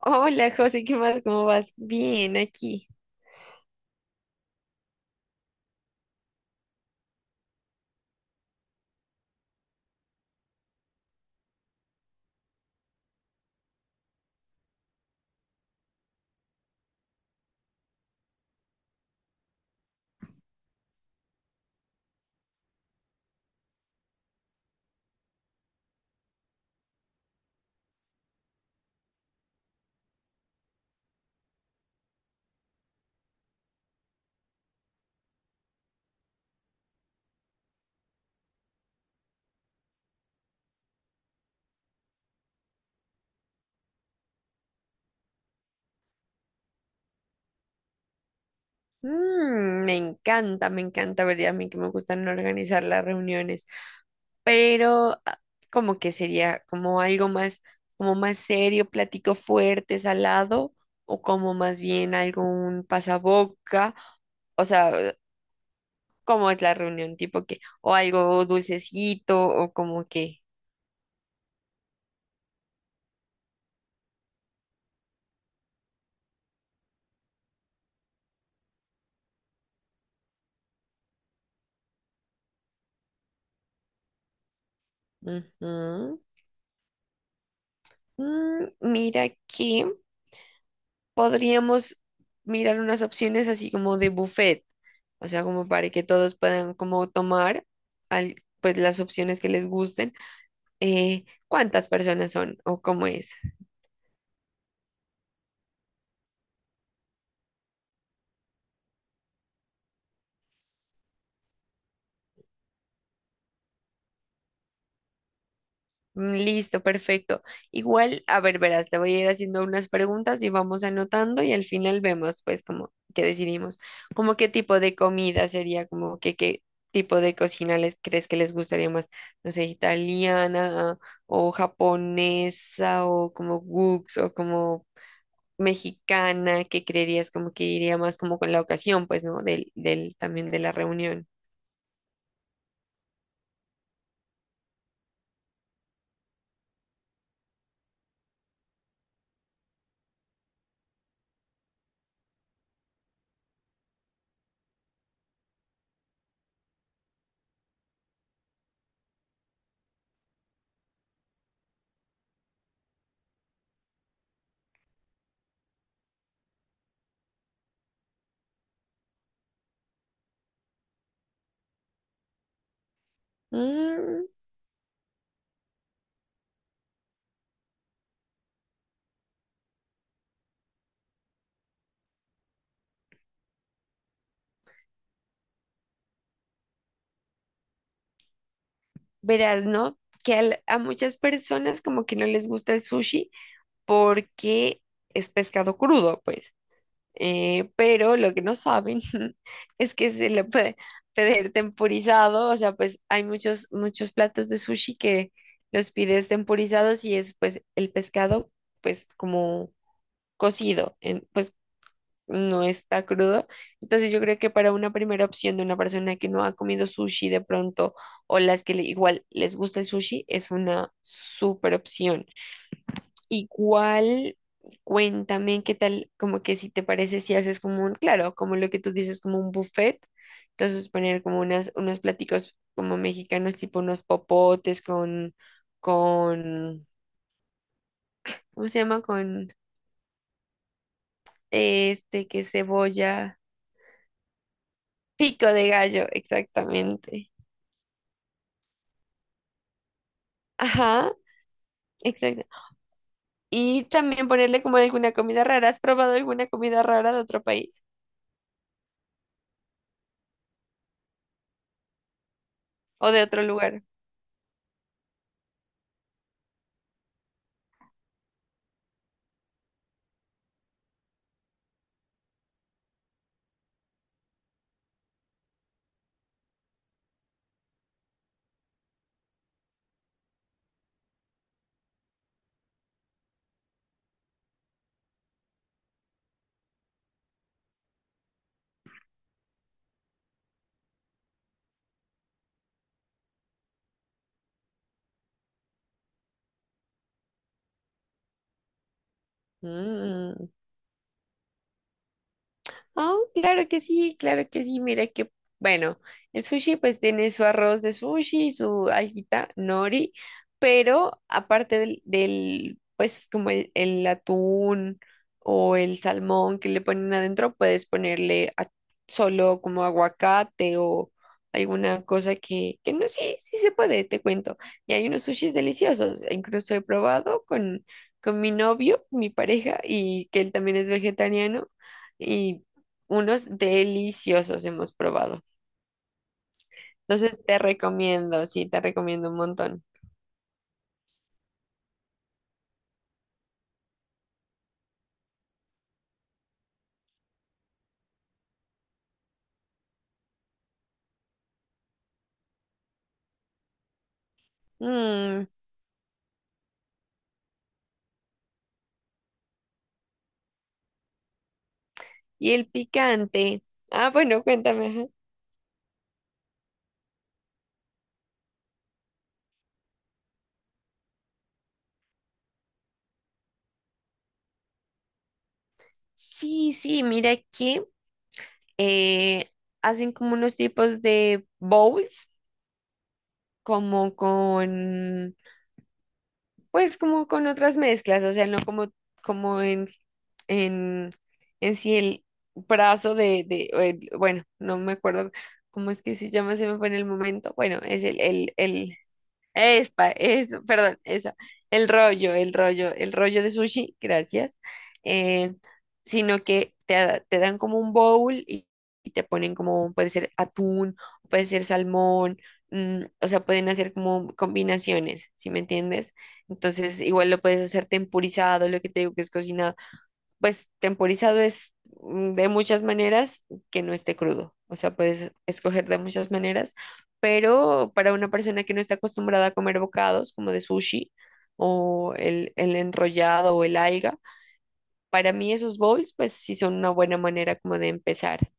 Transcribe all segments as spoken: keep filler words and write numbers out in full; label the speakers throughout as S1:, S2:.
S1: Hola, José, ¿qué más? ¿Cómo vas? Bien, aquí. Mm, me encanta, me encanta, ¿verdad? A mí que me gustan organizar las reuniones, pero ah, como que sería como algo más, como más serio, platico fuerte, salado, o como más bien algo un pasaboca, o sea, ¿cómo es la reunión? Tipo que, o algo dulcecito, o como que, ujú. Mm, mira aquí. Podríamos mirar unas opciones así como de buffet, o sea, como para que todos puedan como tomar al- pues las opciones que les gusten. Eh, ¿cuántas personas son o cómo es? Mm, listo, perfecto. Igual, a ver, verás, te voy a ir haciendo unas preguntas y vamos anotando y al final vemos, pues, como que decidimos, como qué tipo de comida sería, como que qué tipo de cocina les crees que les gustaría más, no sé, italiana o japonesa o como Wux o como mexicana, que creerías como que iría más como con la ocasión, pues, ¿no? Del, del, también de la reunión. Verás, ¿no? Que al- a muchas personas como que no les gusta el sushi porque es pescado crudo, pues. Eh, pero lo que no saben es que se le puede pedir temporizado, o sea, pues hay muchos, muchos platos de sushi que los pides temporizados y es pues el pescado pues como cocido, en- pues no está crudo. Entonces yo creo que para una primera opción de una persona que no ha comido sushi de pronto o las que le- igual les gusta el sushi es una súper opción. Igual cuéntame qué tal, como que si te parece si haces como un, claro, como lo que tú dices, como un buffet. Entonces poner como unas, unos platicos como mexicanos, tipo unos popotes con, con, ¿cómo se llama? Con este, que cebolla, pico de gallo, exactamente. Ajá, exacto. Y también ponerle como alguna comida rara. ¿Has probado alguna comida rara de otro país o de otro lugar? Mm. Oh, claro que sí, claro que sí. Mira que, bueno, el sushi pues tiene su arroz de sushi, su alguita nori, pero aparte del, del, pues como el, el atún o el salmón que le ponen adentro, puedes ponerle a- solo como aguacate o alguna cosa que, que no, sí, sí se puede, te cuento. Y hay unos sushis deliciosos, e incluso he probado con, con mi novio, mi pareja, y que él también es vegetariano. Y unos deliciosos hemos probado. Entonces te recomiendo, sí, te recomiendo un montón. Mm, y el picante. Ah, bueno, cuéntame. Ajá. Sí, sí, mira que eh, hacen como unos tipos de bowls, como con, pues como con otras mezclas, o sea, no como, como en, en, en sí el brazo de, de o el- bueno, no me acuerdo cómo es que se llama, se me fue en el momento. Bueno, es el, el, el Espa, eso, perdón, eso. El rollo, el rollo, el rollo de sushi, gracias. eh, sino que te, da- te dan como un bowl y, y te ponen como, puede ser atún, puede ser salmón, mm, o sea, pueden hacer como combinaciones, ¿si me entiendes? Entonces, igual lo puedes hacer tempurizado, lo que te digo que es cocinado pues temporizado es mm, de muchas maneras que no esté crudo. O sea, puedes escoger de muchas maneras, pero para una persona que no está acostumbrada a comer bocados como de sushi o el, el enrollado o el alga, para mí esos bowls, pues sí son una buena manera como de empezar.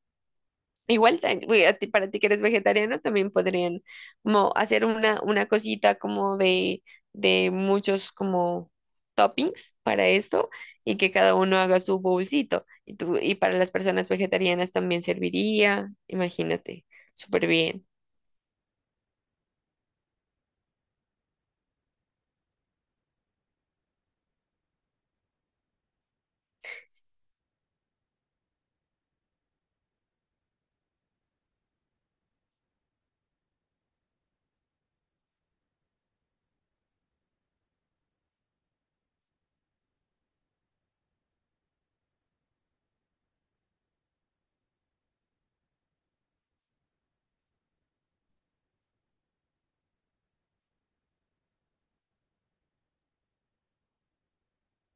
S1: Igual, ta- güey, a ti- para ti que eres vegetariano, también podrían como hacer una, una cosita como de, de muchos como toppings para esto y que cada uno haga su bolsito. Y, tú, y para las personas vegetarianas también serviría, imagínate, súper bien.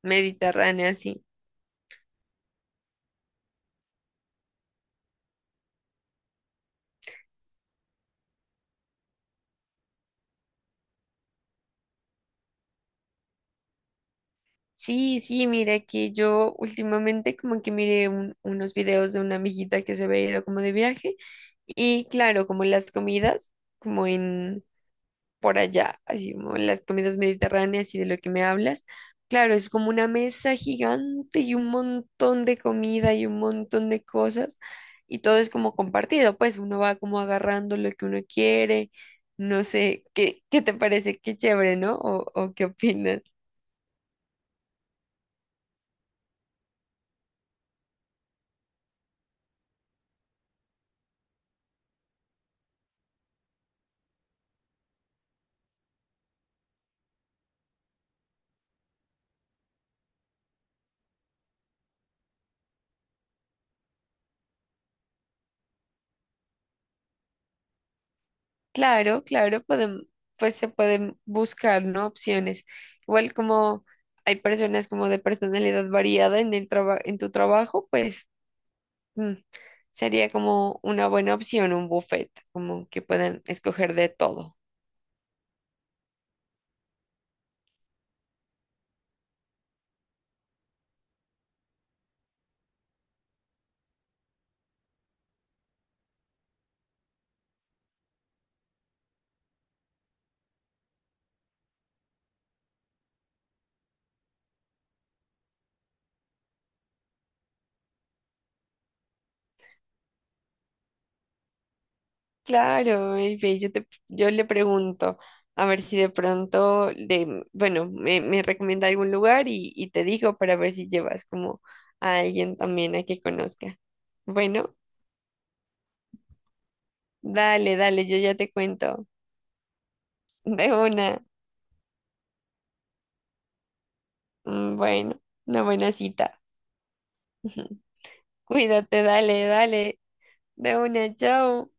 S1: Mediterránea, sí. Sí, sí, mira que yo últimamente como que miré un- unos videos de una amiguita que se había ido como de viaje y claro, como las comidas, como en por allá, así como en las comidas mediterráneas y de lo que me hablas. Claro, es como una mesa gigante y un montón de comida y un montón de cosas y todo es como compartido, pues uno va como agarrando lo que uno quiere, no sé, ¿qué, qué te parece? Qué chévere, ¿no? ¿O, o qué opinas? Claro, claro, podem- pues se pueden buscar, ¿no? Opciones. Igual como hay personas como de personalidad variada en el traba- en tu trabajo, pues mm, sería como una buena opción un buffet, como que puedan escoger de todo. Claro, y ve, yo te, yo le pregunto a ver si de pronto le, bueno, me, me recomienda algún lugar y, y te digo para ver si llevas como a alguien también a que conozca. Bueno, dale, dale, yo ya te cuento. De una, mm, bueno, una buena cita. Cuídate, dale, dale, de una, chao.